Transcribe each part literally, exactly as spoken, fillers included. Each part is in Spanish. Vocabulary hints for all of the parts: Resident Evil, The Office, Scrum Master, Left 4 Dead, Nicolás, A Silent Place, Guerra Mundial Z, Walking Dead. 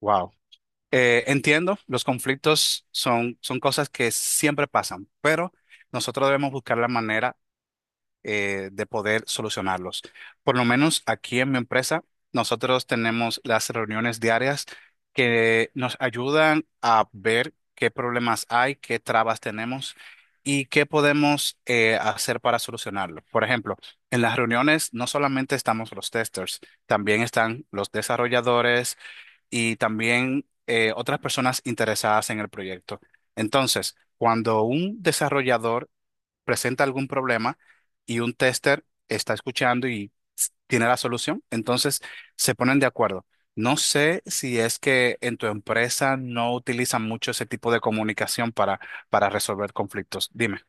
Wow. Eh, entiendo, los conflictos son, son cosas que siempre pasan, pero nosotros debemos buscar la manera eh, de poder solucionarlos. Por lo menos aquí en mi empresa, nosotros tenemos las reuniones diarias que nos ayudan a ver qué problemas hay, qué trabas tenemos y qué podemos eh, hacer para solucionarlo. Por ejemplo, en las reuniones no solamente estamos los testers, también están los desarrolladores y también eh, otras personas interesadas en el proyecto. Entonces, cuando un desarrollador presenta algún problema y un tester está escuchando y s- tiene la solución, entonces se ponen de acuerdo. No sé si es que en tu empresa no utilizan mucho ese tipo de comunicación para, para resolver conflictos. Dime.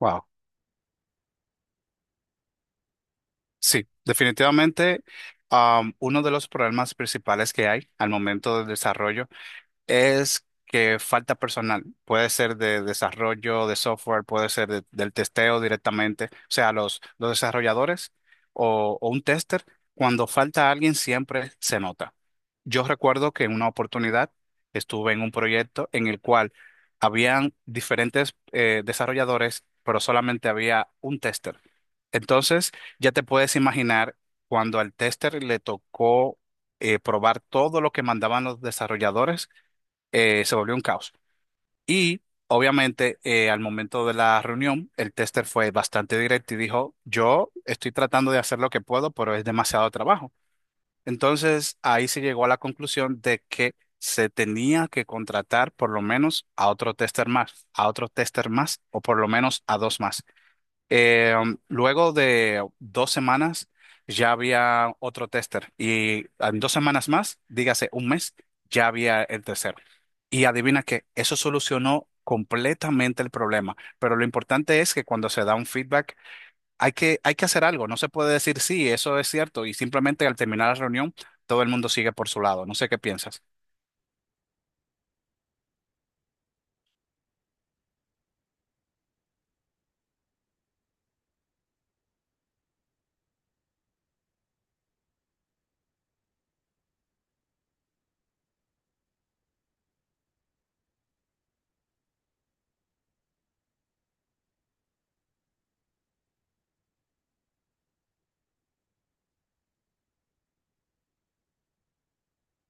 Wow. Sí, definitivamente, um, uno de los problemas principales que hay al momento del desarrollo es que falta personal. Puede ser de desarrollo de software, puede ser de- del testeo directamente. O sea, los, los desarrolladores o, o un tester, cuando falta alguien siempre se nota. Yo recuerdo que en una oportunidad estuve en un proyecto en el cual habían diferentes eh, desarrolladores, pero solamente había un tester. Entonces, ya te puedes imaginar cuando al tester le tocó eh, probar todo lo que mandaban los desarrolladores eh, se volvió un caos. Y obviamente eh, al momento de la reunión, el tester fue bastante directo y dijo, yo estoy tratando de hacer lo que puedo, pero es demasiado trabajo. Entonces ahí se llegó a la conclusión de que se tenía que contratar por lo menos a otro tester más, a otro tester más o por lo menos a dos más. Eh, um, luego de dos semanas ya había otro tester y en dos semanas más, dígase un mes, ya había el tercero. Y adivina que eso solucionó completamente el problema. Pero lo importante es que cuando se da un feedback hay que, hay que hacer algo. No se puede decir sí, eso es cierto y simplemente al terminar la reunión todo el mundo sigue por su lado. No sé qué piensas.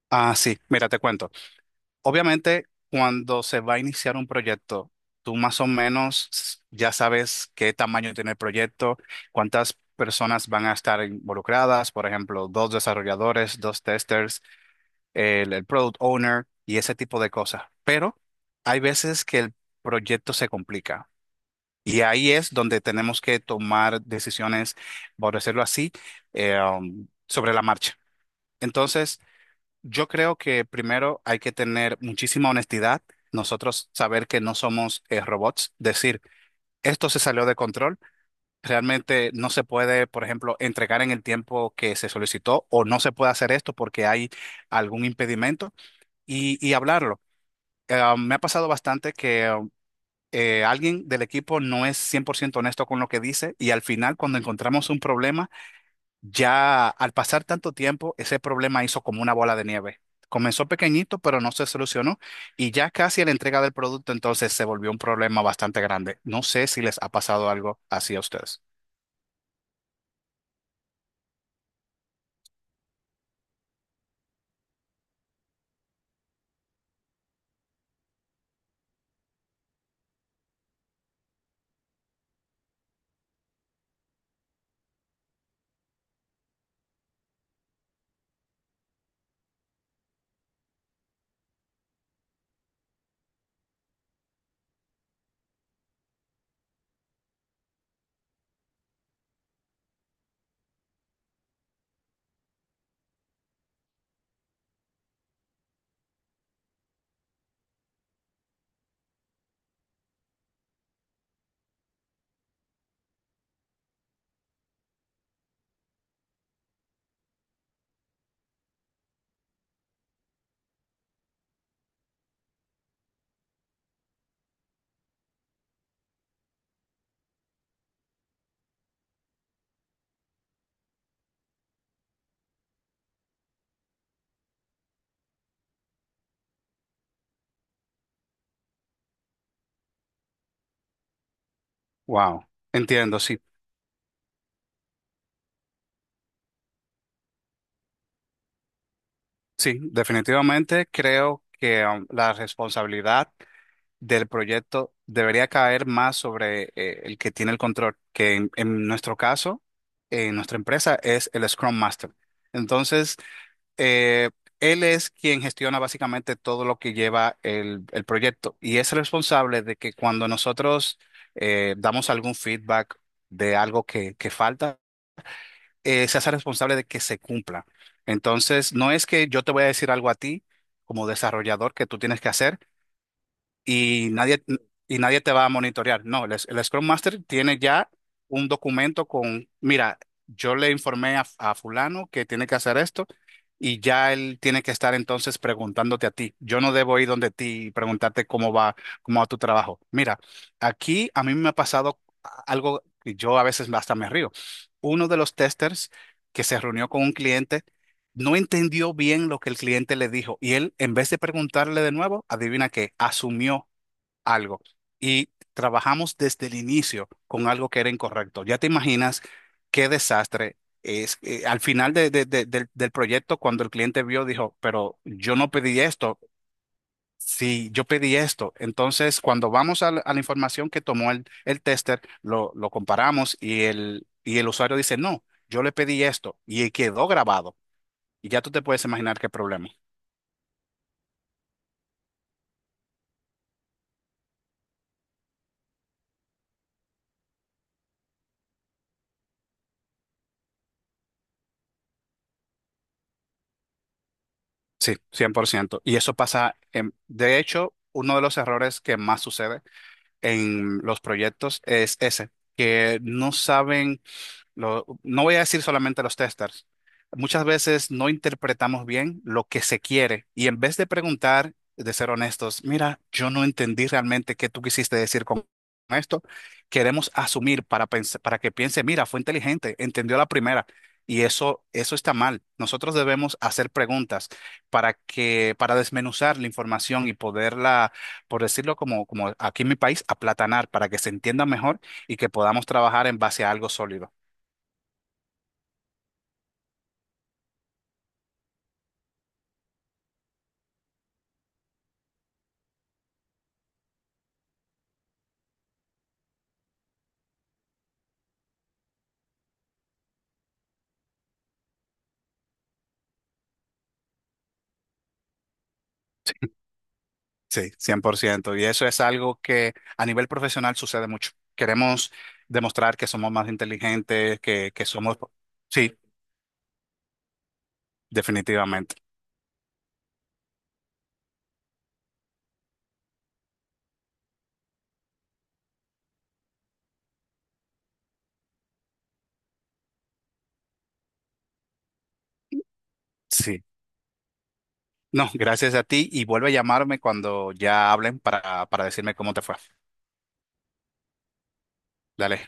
Ah, sí, mira, te cuento. Obviamente, cuando se va a iniciar un proyecto, tú más o menos ya sabes qué tamaño tiene el proyecto, cuántas personas van a estar involucradas, por ejemplo, dos desarrolladores, dos testers, el, el product owner y ese tipo de cosas. Pero hay veces que el proyecto se complica y ahí es donde tenemos que tomar decisiones, por decirlo así, eh, um, sobre la marcha. Entonces, yo creo que primero hay que tener muchísima honestidad, nosotros saber que no somos eh, robots, decir, esto se salió de control, realmente no se puede, por ejemplo, entregar en el tiempo que se solicitó o no se puede hacer esto porque hay algún impedimento y, y hablarlo. Eh, me ha pasado bastante que um, eh, alguien del equipo no es cien por ciento honesto con lo que dice y al final cuando encontramos un problema, ya al pasar tanto tiempo, ese problema hizo como una bola de nieve. Comenzó pequeñito, pero no se solucionó y ya casi a la entrega del producto entonces se volvió un problema bastante grande. No sé si les ha pasado algo así a ustedes. Wow, entiendo, sí. Sí, definitivamente creo que um, la responsabilidad del proyecto debería caer más sobre eh, el que tiene el control, que en, en nuestro caso, en nuestra empresa, es el Scrum Master. Entonces, eh, él es quien gestiona básicamente todo lo que lleva el, el proyecto y es el responsable de que cuando nosotros eh, damos algún feedback de algo que, que falta, eh, se hace responsable de que se cumpla. Entonces, no es que yo te voy a decir algo a ti como desarrollador que tú tienes que hacer, y nadie, y nadie te va a monitorear. No, el, el Scrum Master tiene ya un documento con, mira, yo le informé a, a fulano que tiene que hacer esto y ya él tiene que estar entonces preguntándote a ti. Yo no debo ir donde ti y preguntarte cómo va, cómo va tu trabajo. Mira, aquí a mí me ha pasado algo que yo a veces hasta me río. Uno de los testers que se reunió con un cliente no entendió bien lo que el cliente le dijo y él, en vez de preguntarle de nuevo, adivina qué, asumió algo y trabajamos desde el inicio con algo que era incorrecto. Ya te imaginas qué desastre es. Eh, al final de- de- de- del, del proyecto, cuando el cliente vio, dijo, pero yo no pedí esto. Sí, yo pedí esto. Entonces, cuando vamos a la, a la información que tomó el, el tester, lo, lo comparamos y el, y el usuario dice, no, yo le pedí esto y quedó grabado. Y ya tú te puedes imaginar qué problema. Sí, cien por ciento. Y eso pasa, en- de hecho, uno de los errores que más sucede en los proyectos es ese, que no saben. Lo- no voy a decir solamente los testers. Muchas veces no interpretamos bien lo que se quiere y en vez de preguntar, de ser honestos, mira, yo no entendí realmente qué tú quisiste decir con esto, queremos asumir para, pens- para que piense, mira, fue inteligente, entendió la primera y eso, eso está mal. Nosotros debemos hacer preguntas para que, para desmenuzar la información y poderla, por decirlo como, como aquí en mi país, aplatanar para que se entienda mejor y que podamos trabajar en base a algo sólido. Sí, cien por ciento. Y eso es algo que a nivel profesional sucede mucho. Queremos demostrar que somos más inteligentes, que, que somos... Sí, definitivamente. Sí. No, gracias a ti y vuelve a llamarme cuando ya hablen para, para decirme cómo te fue. Dale.